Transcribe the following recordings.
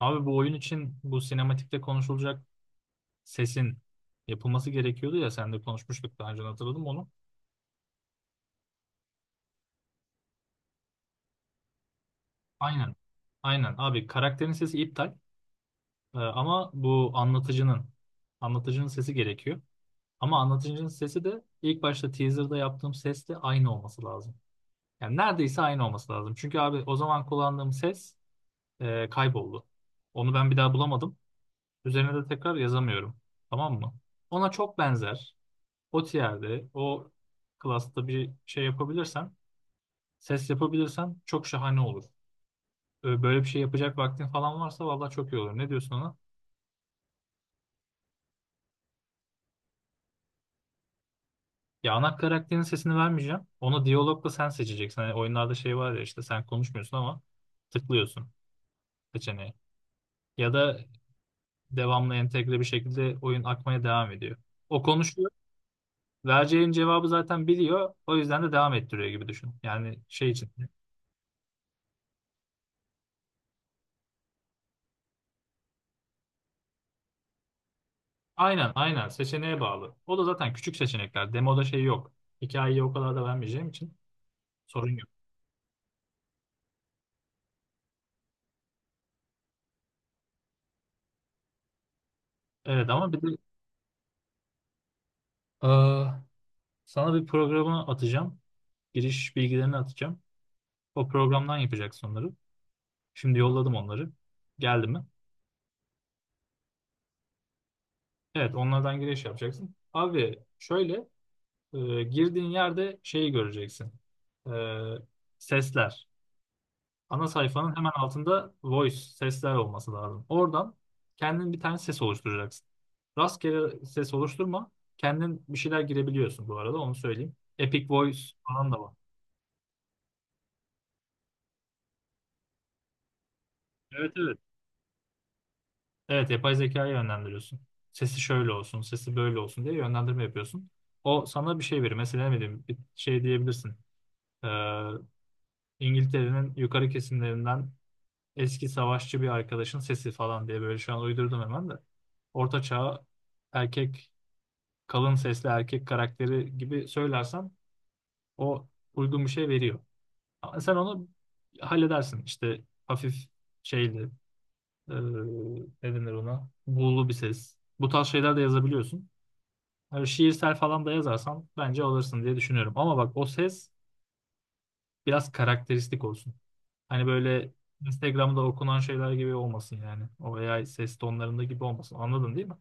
Abi bu oyun için bu sinematikte konuşulacak sesin yapılması gerekiyordu ya, sen de konuşmuştuk daha önce, hatırladım onu. Aynen. Aynen abi, karakterin sesi iptal. Ama bu anlatıcının sesi gerekiyor. Ama anlatıcının sesi de ilk başta teaser'da yaptığım sesle aynı olması lazım. Yani neredeyse aynı olması lazım. Çünkü abi o zaman kullandığım ses kayboldu. Onu ben bir daha bulamadım. Üzerine de tekrar yazamıyorum. Tamam mı? Ona çok benzer. O tierde, o klasta bir şey yapabilirsen, ses yapabilirsen çok şahane olur. Böyle bir şey yapacak vaktin falan varsa vallahi çok iyi olur. Ne diyorsun ona? Ya ana karakterin sesini vermeyeceğim. Onu diyalogla sen seçeceksin. Hani oyunlarda şey var ya, işte sen konuşmuyorsun ama tıklıyorsun seçeneği. Ya da devamlı entegre bir şekilde oyun akmaya devam ediyor. O konuşuyor. Vereceğin cevabı zaten biliyor. O yüzden de devam ettiriyor gibi düşün. Yani şey için. Aynen aynen, seçeneğe bağlı. O da zaten küçük seçenekler. Demoda şey yok. Hikayeyi o kadar da vermeyeceğim için sorun yok. Evet ama bir de eee, sana bir programı atacağım. Giriş bilgilerini atacağım. O programdan yapacaksın onları. Şimdi yolladım onları. Geldi mi? Evet, onlardan giriş yapacaksın. Abi şöyle, girdiğin yerde şeyi göreceksin. Eee, sesler. Ana sayfanın hemen altında voice, sesler olması lazım. Oradan kendin bir tane ses oluşturacaksın. Rastgele ses oluşturma. Kendin bir şeyler girebiliyorsun bu arada, onu söyleyeyim. Epic Voice falan da var. Evet evet. Evet, yapay zeka'yı yönlendiriyorsun. Sesi şöyle olsun, sesi böyle olsun diye yönlendirme yapıyorsun. O sana bir şey verir. Mesela ne bileyim bir şey diyebilirsin. Ee, İngiltere'nin yukarı kesimlerinden eski savaşçı bir arkadaşın sesi falan diye, böyle şu an uydurdum hemen de. Orta çağ erkek, kalın sesli erkek karakteri gibi söylersen o uygun bir şey veriyor. Ama sen onu halledersin. İşte hafif şeyli, e, ne denir ona? Buğulu bir ses. Bu tarz şeyler de yazabiliyorsun. Yani şiirsel falan da yazarsan bence alırsın diye düşünüyorum. Ama bak, o ses biraz karakteristik olsun. Hani böyle Instagram'da okunan şeyler gibi olmasın yani. O AI ses tonlarında gibi olmasın. Anladın değil mi?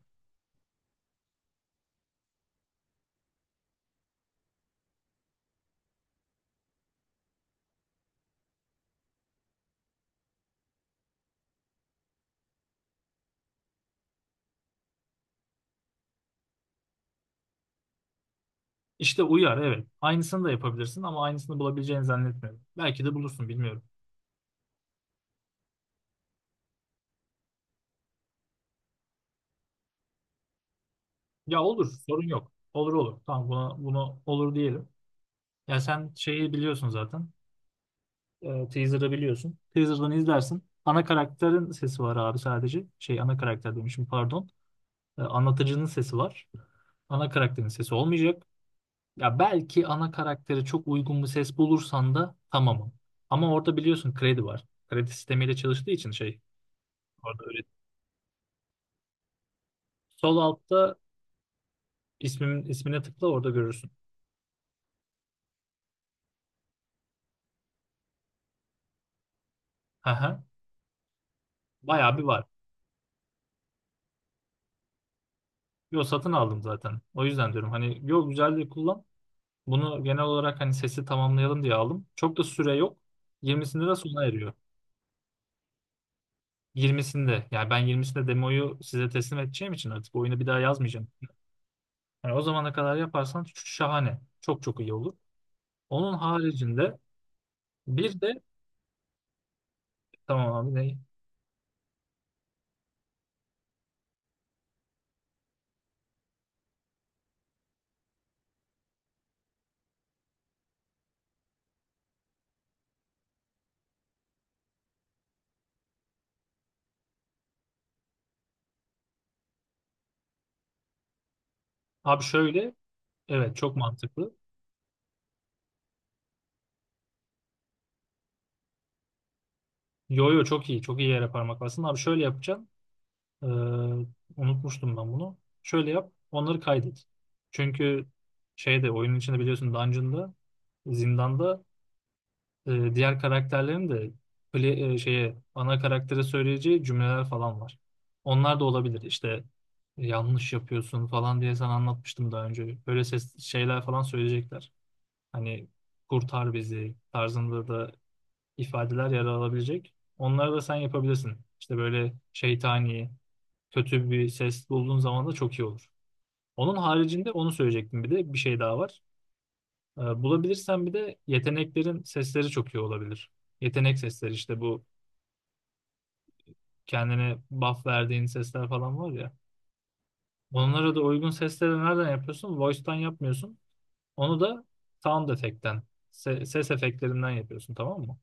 İşte uyar, evet. Aynısını da yapabilirsin ama aynısını bulabileceğini zannetmiyorum. Belki de bulursun, bilmiyorum. Ya olur, sorun yok. Olur olur. Tamam buna, bunu olur diyelim. Ya sen şeyi biliyorsun zaten. Teaser'ı biliyorsun. Teaser'dan izlersin. Ana karakterin sesi var abi sadece. Şey, ana karakter demişim, pardon. Anlatıcının sesi var. Ana karakterin sesi olmayacak. Ya belki ana karaktere çok uygun bir ses bulursan da tamamım. Ama orada biliyorsun kredi var. Kredi sistemiyle çalıştığı için şey orada öyle. Sol altta ismin, ismine tıkla, orada görürsün. Hı hı. Bayağı bir var. Yo, satın aldım zaten. O yüzden diyorum hani, yo güzel diye kullan. Bunu genel olarak hani sesi tamamlayalım diye aldım. Çok da süre yok. Yirmisinde de sona eriyor. Yirmisinde, yani ben yirmisinde demoyu size teslim edeceğim için artık oyunu bir daha yazmayacağım. Yani o zamana kadar yaparsan şahane. Çok çok iyi olur. Onun haricinde bir de tamam abi ne? Abi şöyle, evet çok mantıklı. Yo yo, çok iyi çok iyi yere parmak bastın. Abi şöyle yapacaksın. Ee, unutmuştum ben bunu. Şöyle yap, onları kaydet. Çünkü şeyde, oyunun içinde biliyorsun dungeon'da, zindanda diğer karakterlerin de şeye, ana karaktere söyleyeceği cümleler falan var. Onlar da olabilir. İşte yanlış yapıyorsun falan diye sana anlatmıştım daha önce. Böyle ses şeyler falan söyleyecekler. Hani kurtar bizi tarzında da ifadeler yer alabilecek. Onları da sen yapabilirsin. İşte böyle şeytani, kötü bir ses bulduğun zaman da çok iyi olur. Onun haricinde onu söyleyecektim, bir de bir şey daha var. Bulabilirsen bir de yeteneklerin sesleri çok iyi olabilir. Yetenek sesleri, işte bu kendine buff verdiğin sesler falan var ya. Onlara da uygun sesleri nereden yapıyorsun? Voice'tan yapmıyorsun. Onu da sound effect'ten, ses efektlerinden yapıyorsun, tamam mı?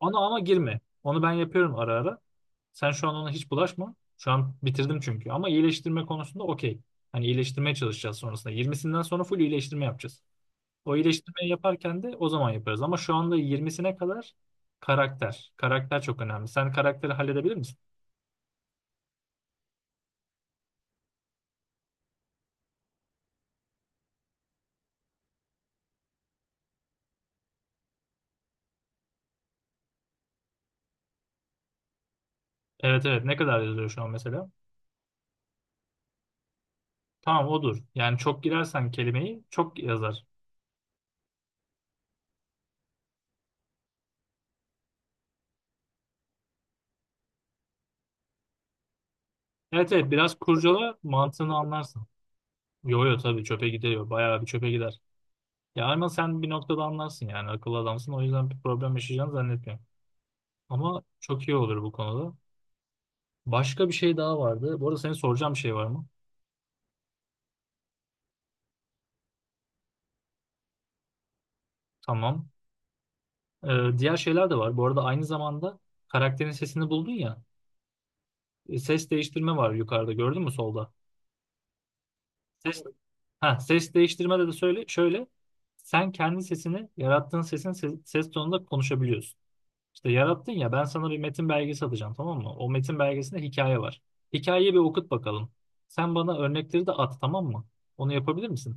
Ona ama girme. Onu ben yapıyorum ara ara. Sen şu an ona hiç bulaşma. Şu an bitirdim çünkü. Ama iyileştirme konusunda okey. Hani iyileştirmeye çalışacağız sonrasında. Yirmisinden sonra full iyileştirme yapacağız. O iyileştirmeyi yaparken de o zaman yaparız. Ama şu anda yirmisine kadar karakter. Karakter çok önemli. Sen karakteri halledebilir misin? Evet evet, ne kadar yazıyor şu an mesela? Tamam, odur. Yani çok girersen kelimeyi çok yazar. Evet evet, biraz kurcala, mantığını anlarsın. Yo yo, tabii çöpe gidiyor. Bayağı bir çöpe gider. Ya ama sen bir noktada anlarsın, yani akıllı adamsın, o yüzden bir problem yaşayacağını zannetmiyorum. Ama çok iyi olur bu konuda. Başka bir şey daha vardı. Bu arada senin, soracağım bir şey var mı? Tamam. Diğer şeyler de var. Bu arada aynı zamanda karakterin sesini buldun ya. E, ses değiştirme var yukarıda, gördün mü solda? Ses, ha, ses değiştirme de, de söyle, şöyle. Sen kendi sesini, yarattığın sesin ses tonunda konuşabiliyorsun. İşte yarattın ya, ben sana bir metin belgesi atacağım, tamam mı? O metin belgesinde hikaye var. Hikayeyi bir okut bakalım. Sen bana örnekleri de at, tamam mı? Onu yapabilir misin?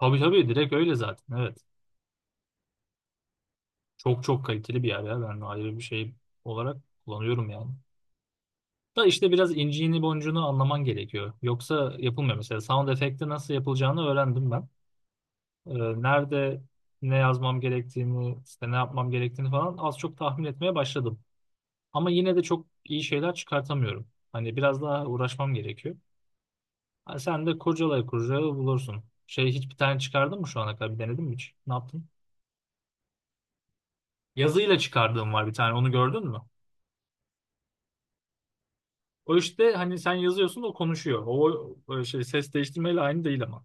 Tabii tabii, direkt öyle zaten, evet. Çok çok kaliteli bir yer ya, ben ayrı bir şey olarak kullanıyorum yani. Da işte biraz inciğini boncuğunu anlaman gerekiyor. Yoksa yapılmıyor, mesela sound efekti nasıl yapılacağını öğrendim ben. Nerede ne yazmam gerektiğini, işte ne yapmam gerektiğini falan az çok tahmin etmeye başladım. Ama yine de çok iyi şeyler çıkartamıyorum. Hani biraz daha uğraşmam gerekiyor. Hani sen de kurcalaya kurcalaya bulursun. Şey, hiç bir tane çıkardın mı şu ana kadar? Bir denedin mi hiç? Ne yaptın? Yazıyla çıkardığım var bir tane. Onu gördün mü? O işte, hani sen yazıyorsun, o konuşuyor. O, o şey ses değiştirmeyle aynı değil ama.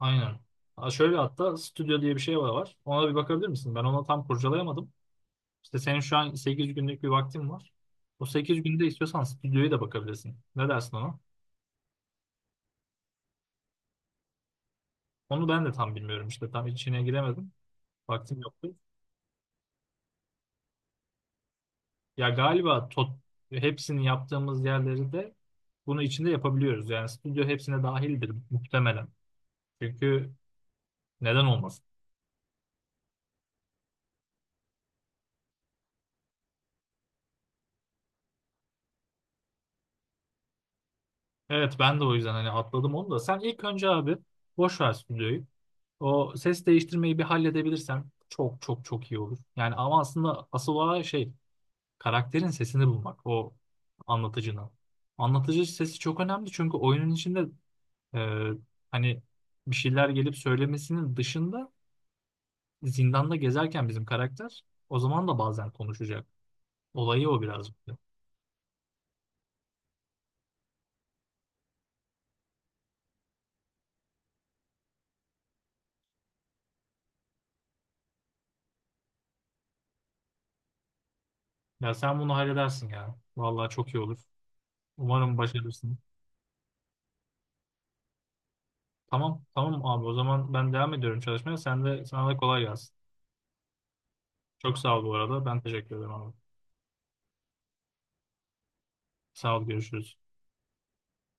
Aynen. Ha, şöyle, hatta stüdyo diye bir şey var. Ona bir bakabilir misin? Ben ona tam kurcalayamadım. İşte senin şu an 8 günlük bir vaktin var. O 8 günde istiyorsan stüdyoya da bakabilirsin. Ne dersin ona? Onu ben de tam bilmiyorum işte. Tam içine giremedim. Vaktim yoktu. Ya galiba tot, hepsini yaptığımız yerleri de bunu içinde yapabiliyoruz. Yani stüdyo hepsine dahildir muhtemelen. Çünkü neden olmasın? Evet, ben de o yüzden hani atladım onu da. Sen ilk önce abi boş ver stüdyoyu. O ses değiştirmeyi bir halledebilirsen çok çok çok iyi olur. Yani ama aslında asıl olan şey karakterin sesini bulmak, o anlatıcının. Anlatıcı sesi çok önemli, çünkü oyunun içinde e, hani bir şeyler gelip söylemesinin dışında zindanda gezerken bizim karakter o zaman da bazen konuşacak. Olayı o biraz. Ya sen bunu halledersin ya. Vallahi çok iyi olur. Umarım başarırsın. Tamam, tamam abi. O zaman ben devam ediyorum çalışmaya. Sen de, sana da kolay gelsin. Çok sağ ol bu arada. Ben teşekkür ederim abi. Sağ ol, görüşürüz.